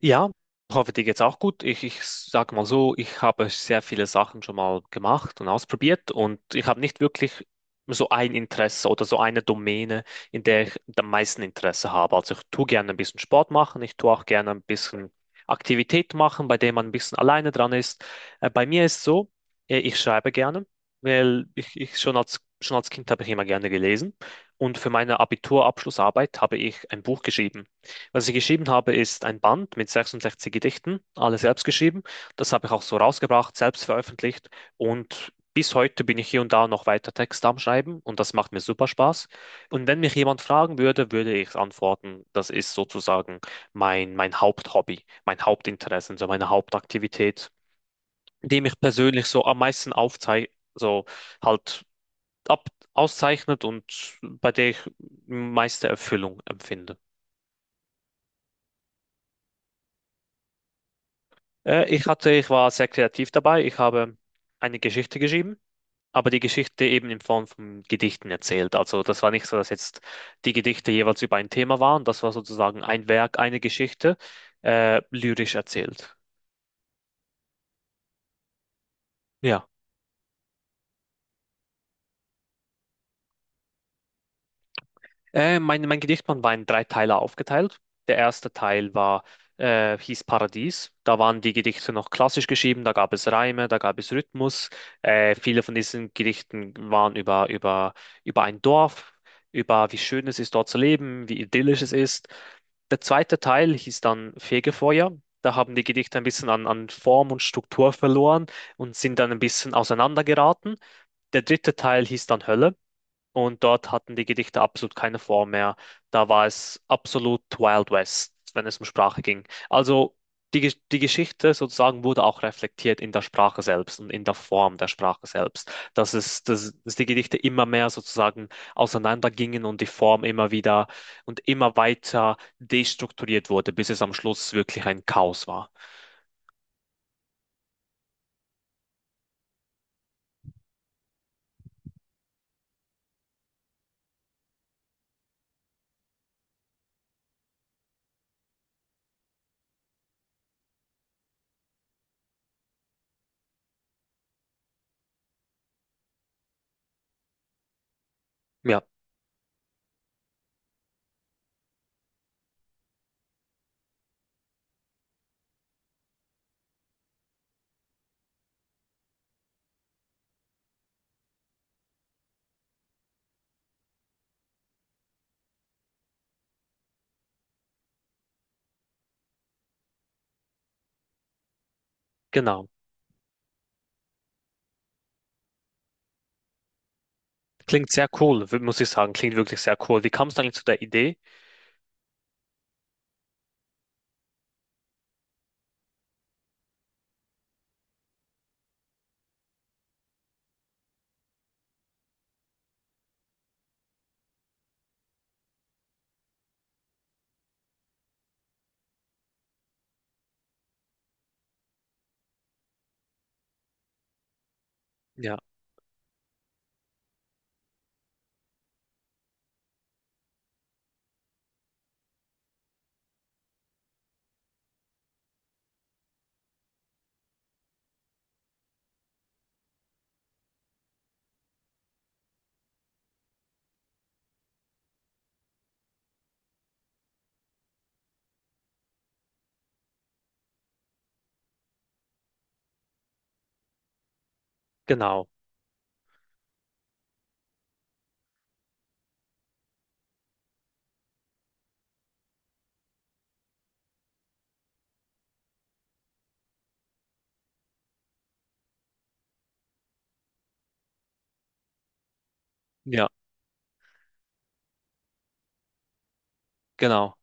Ja, hoffe, dir geht's auch gut. Ich sag mal so, ich habe sehr viele Sachen schon mal gemacht und ausprobiert und ich habe nicht wirklich so ein Interesse oder so eine Domäne, in der ich am meisten Interesse habe. Also ich tue gerne ein bisschen Sport machen, ich tue auch gerne ein bisschen Aktivität machen, bei der man ein bisschen alleine dran ist. Bei mir ist so, ich schreibe gerne, weil ich schon als Kind habe ich immer gerne gelesen und für meine Abiturabschlussarbeit habe ich ein Buch geschrieben. Was ich geschrieben habe, ist ein Band mit 66 Gedichten, alle selbst geschrieben. Das habe ich auch so rausgebracht, selbst veröffentlicht. Und bis heute bin ich hier und da noch weiter Texte am Schreiben und das macht mir super Spaß. Und wenn mich jemand fragen würde, würde ich antworten, das ist sozusagen mein Haupthobby, mein Hauptinteresse, so meine Hauptaktivität, die mich persönlich so am meisten aufzei so halt ab auszeichnet und bei der ich meiste Erfüllung empfinde. Ich war sehr kreativ dabei. Ich habe eine Geschichte geschrieben, aber die Geschichte eben in Form von Gedichten erzählt. Also das war nicht so, dass jetzt die Gedichte jeweils über ein Thema waren. Das war sozusagen ein Werk, eine Geschichte, lyrisch erzählt. Ja. Mein Gedichtband war in drei Teile aufgeteilt. Der erste Teil war, hieß Paradies. Da waren die Gedichte noch klassisch geschrieben, da gab es Reime, da gab es Rhythmus. Viele von diesen Gedichten waren über ein Dorf, über wie schön es ist, dort zu leben, wie idyllisch es ist. Der zweite Teil hieß dann Fegefeuer. Da haben die Gedichte ein bisschen an Form und Struktur verloren und sind dann ein bisschen auseinandergeraten. Der dritte Teil hieß dann Hölle. Und dort hatten die Gedichte absolut keine Form mehr. Da war es absolut Wild West, wenn es um Sprache ging. Also die Geschichte sozusagen wurde auch reflektiert in der Sprache selbst und in der Form der Sprache selbst. Dass die Gedichte immer mehr sozusagen auseinandergingen und die Form immer wieder und immer weiter destrukturiert wurde, bis es am Schluss wirklich ein Chaos war. Ja, genau. Klingt sehr cool, muss ich sagen. Klingt wirklich sehr cool. Wie kam es eigentlich zu der Idee? Ja, genau. Ja, genau.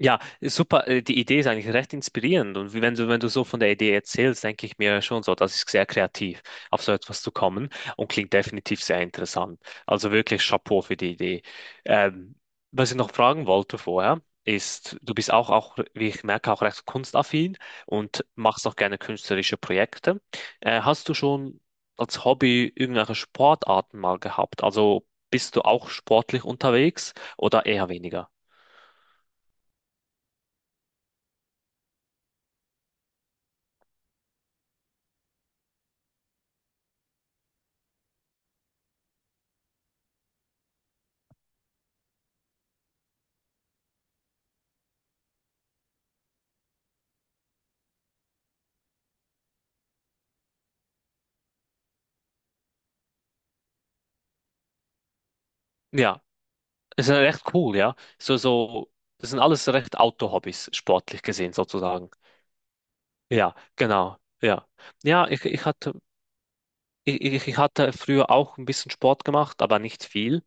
Ja, ist super. Die Idee ist eigentlich recht inspirierend. Und wenn du so von der Idee erzählst, denke ich mir schon so, das ist sehr kreativ, auf so etwas zu kommen und klingt definitiv sehr interessant. Also wirklich Chapeau für die Idee. Ähm, Was ich noch fragen wollte vorher, ist, du bist wie ich merke, auch recht kunstaffin und machst auch gerne künstlerische Projekte. Hast du schon als Hobby irgendwelche Sportarten mal gehabt? Also bist du auch sportlich unterwegs oder eher weniger? Ja, es ist recht cool, ja. Das sind alles recht Outdoor-Hobbys, sportlich gesehen sozusagen. Ja, genau, ja. Ja, ich, ich hatte, ich hatte früher auch ein bisschen Sport gemacht, aber nicht viel.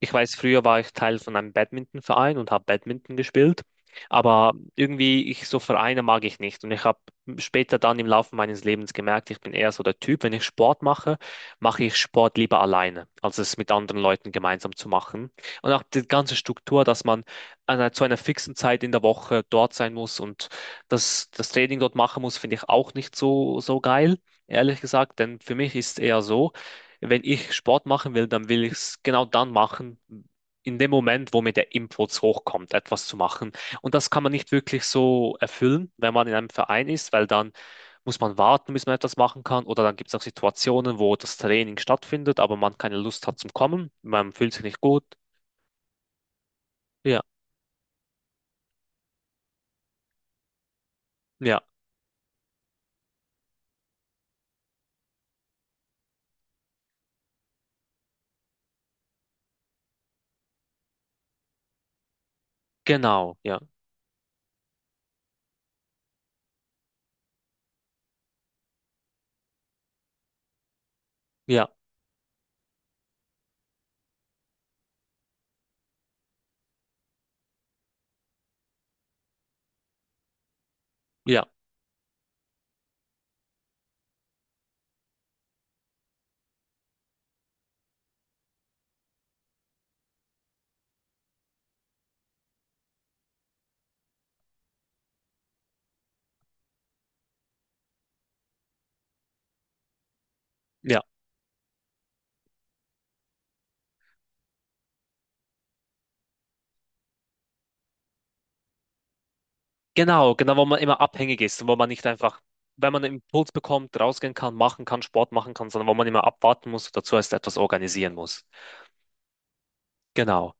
Ich weiß, früher war ich Teil von einem Badmintonverein und habe Badminton gespielt, aber irgendwie ich so Vereine mag ich nicht und ich habe später dann im Laufe meines Lebens gemerkt, ich bin eher so der Typ, wenn ich Sport mache, mache ich Sport lieber alleine, als es mit anderen Leuten gemeinsam zu machen. Und auch die ganze Struktur, dass man zu einer fixen Zeit in der Woche dort sein muss und das Training dort machen muss, finde ich auch nicht so geil. Ehrlich gesagt, denn für mich ist es eher so, wenn ich Sport machen will, dann will ich es genau dann machen, in dem Moment, wo mir der Impuls hochkommt, etwas zu machen. Und das kann man nicht wirklich so erfüllen, wenn man in einem Verein ist, weil dann muss man warten, bis man etwas machen kann. Oder dann gibt es auch Situationen, wo das Training stattfindet, aber man keine Lust hat zum Kommen. Man fühlt sich nicht gut. Ja, ja, genau, ja, ja, ja, ja. Genau, wo man immer abhängig ist und wo man nicht einfach, wenn man einen Impuls bekommt, rausgehen kann, machen kann, Sport machen kann, sondern wo man immer abwarten muss, dazu heißt etwas organisieren muss. Genau.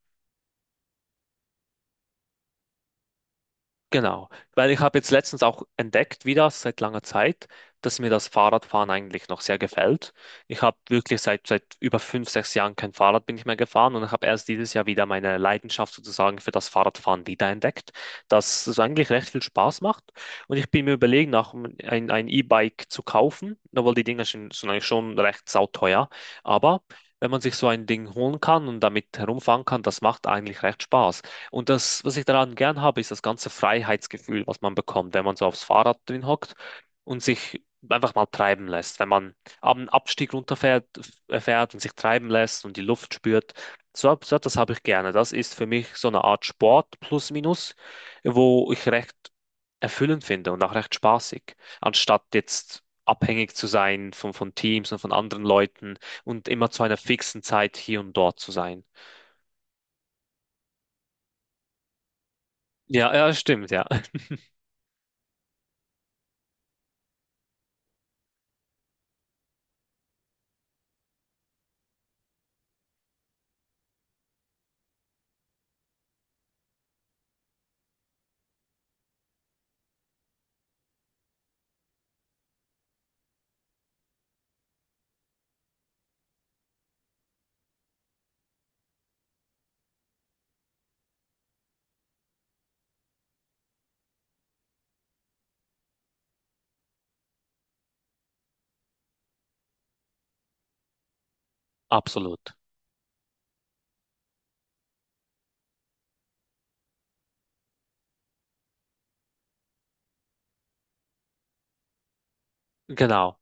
Genau, weil ich habe jetzt letztens auch entdeckt, wieder seit langer Zeit, dass mir das Fahrradfahren eigentlich noch sehr gefällt. Ich habe wirklich seit über fünf, sechs Jahren kein Fahrrad bin ich mehr gefahren und ich habe erst dieses Jahr wieder meine Leidenschaft sozusagen für das Fahrradfahren wiederentdeckt, dass es eigentlich recht viel Spaß macht. Und ich bin mir überlegen, auch ein E-Bike zu kaufen, obwohl die Dinger sind eigentlich schon recht sauteuer. Aber wenn man sich so ein Ding holen kann und damit herumfahren kann, das macht eigentlich recht Spaß. Und das, was ich daran gern habe, ist das ganze Freiheitsgefühl, was man bekommt, wenn man so aufs Fahrrad drin hockt und sich einfach mal treiben lässt. Wenn man am Abstieg runterfährt fährt und sich treiben lässt und die Luft spürt. So etwas habe ich gerne. Das ist für mich so eine Art Sport plus minus, wo ich recht erfüllend finde und auch recht spaßig, anstatt jetzt abhängig zu sein von Teams und von anderen Leuten und immer zu einer fixen Zeit hier und dort zu sein. Ja, ja, stimmt, ja, absolut. Genau,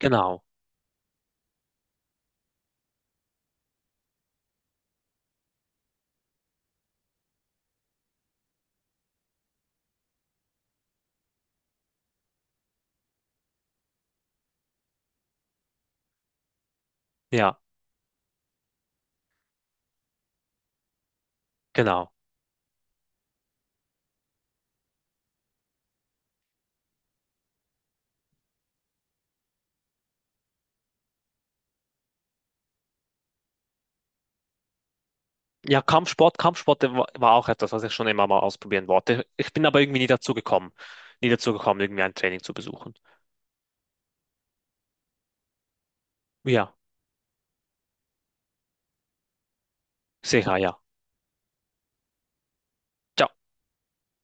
genau, ja, genau. Ja, Kampfsport war auch etwas, was ich schon immer mal ausprobieren wollte. Ich bin aber irgendwie nie dazu gekommen, nie dazu gekommen, irgendwie ein Training zu besuchen. Ja, sicher, ja. Ciao.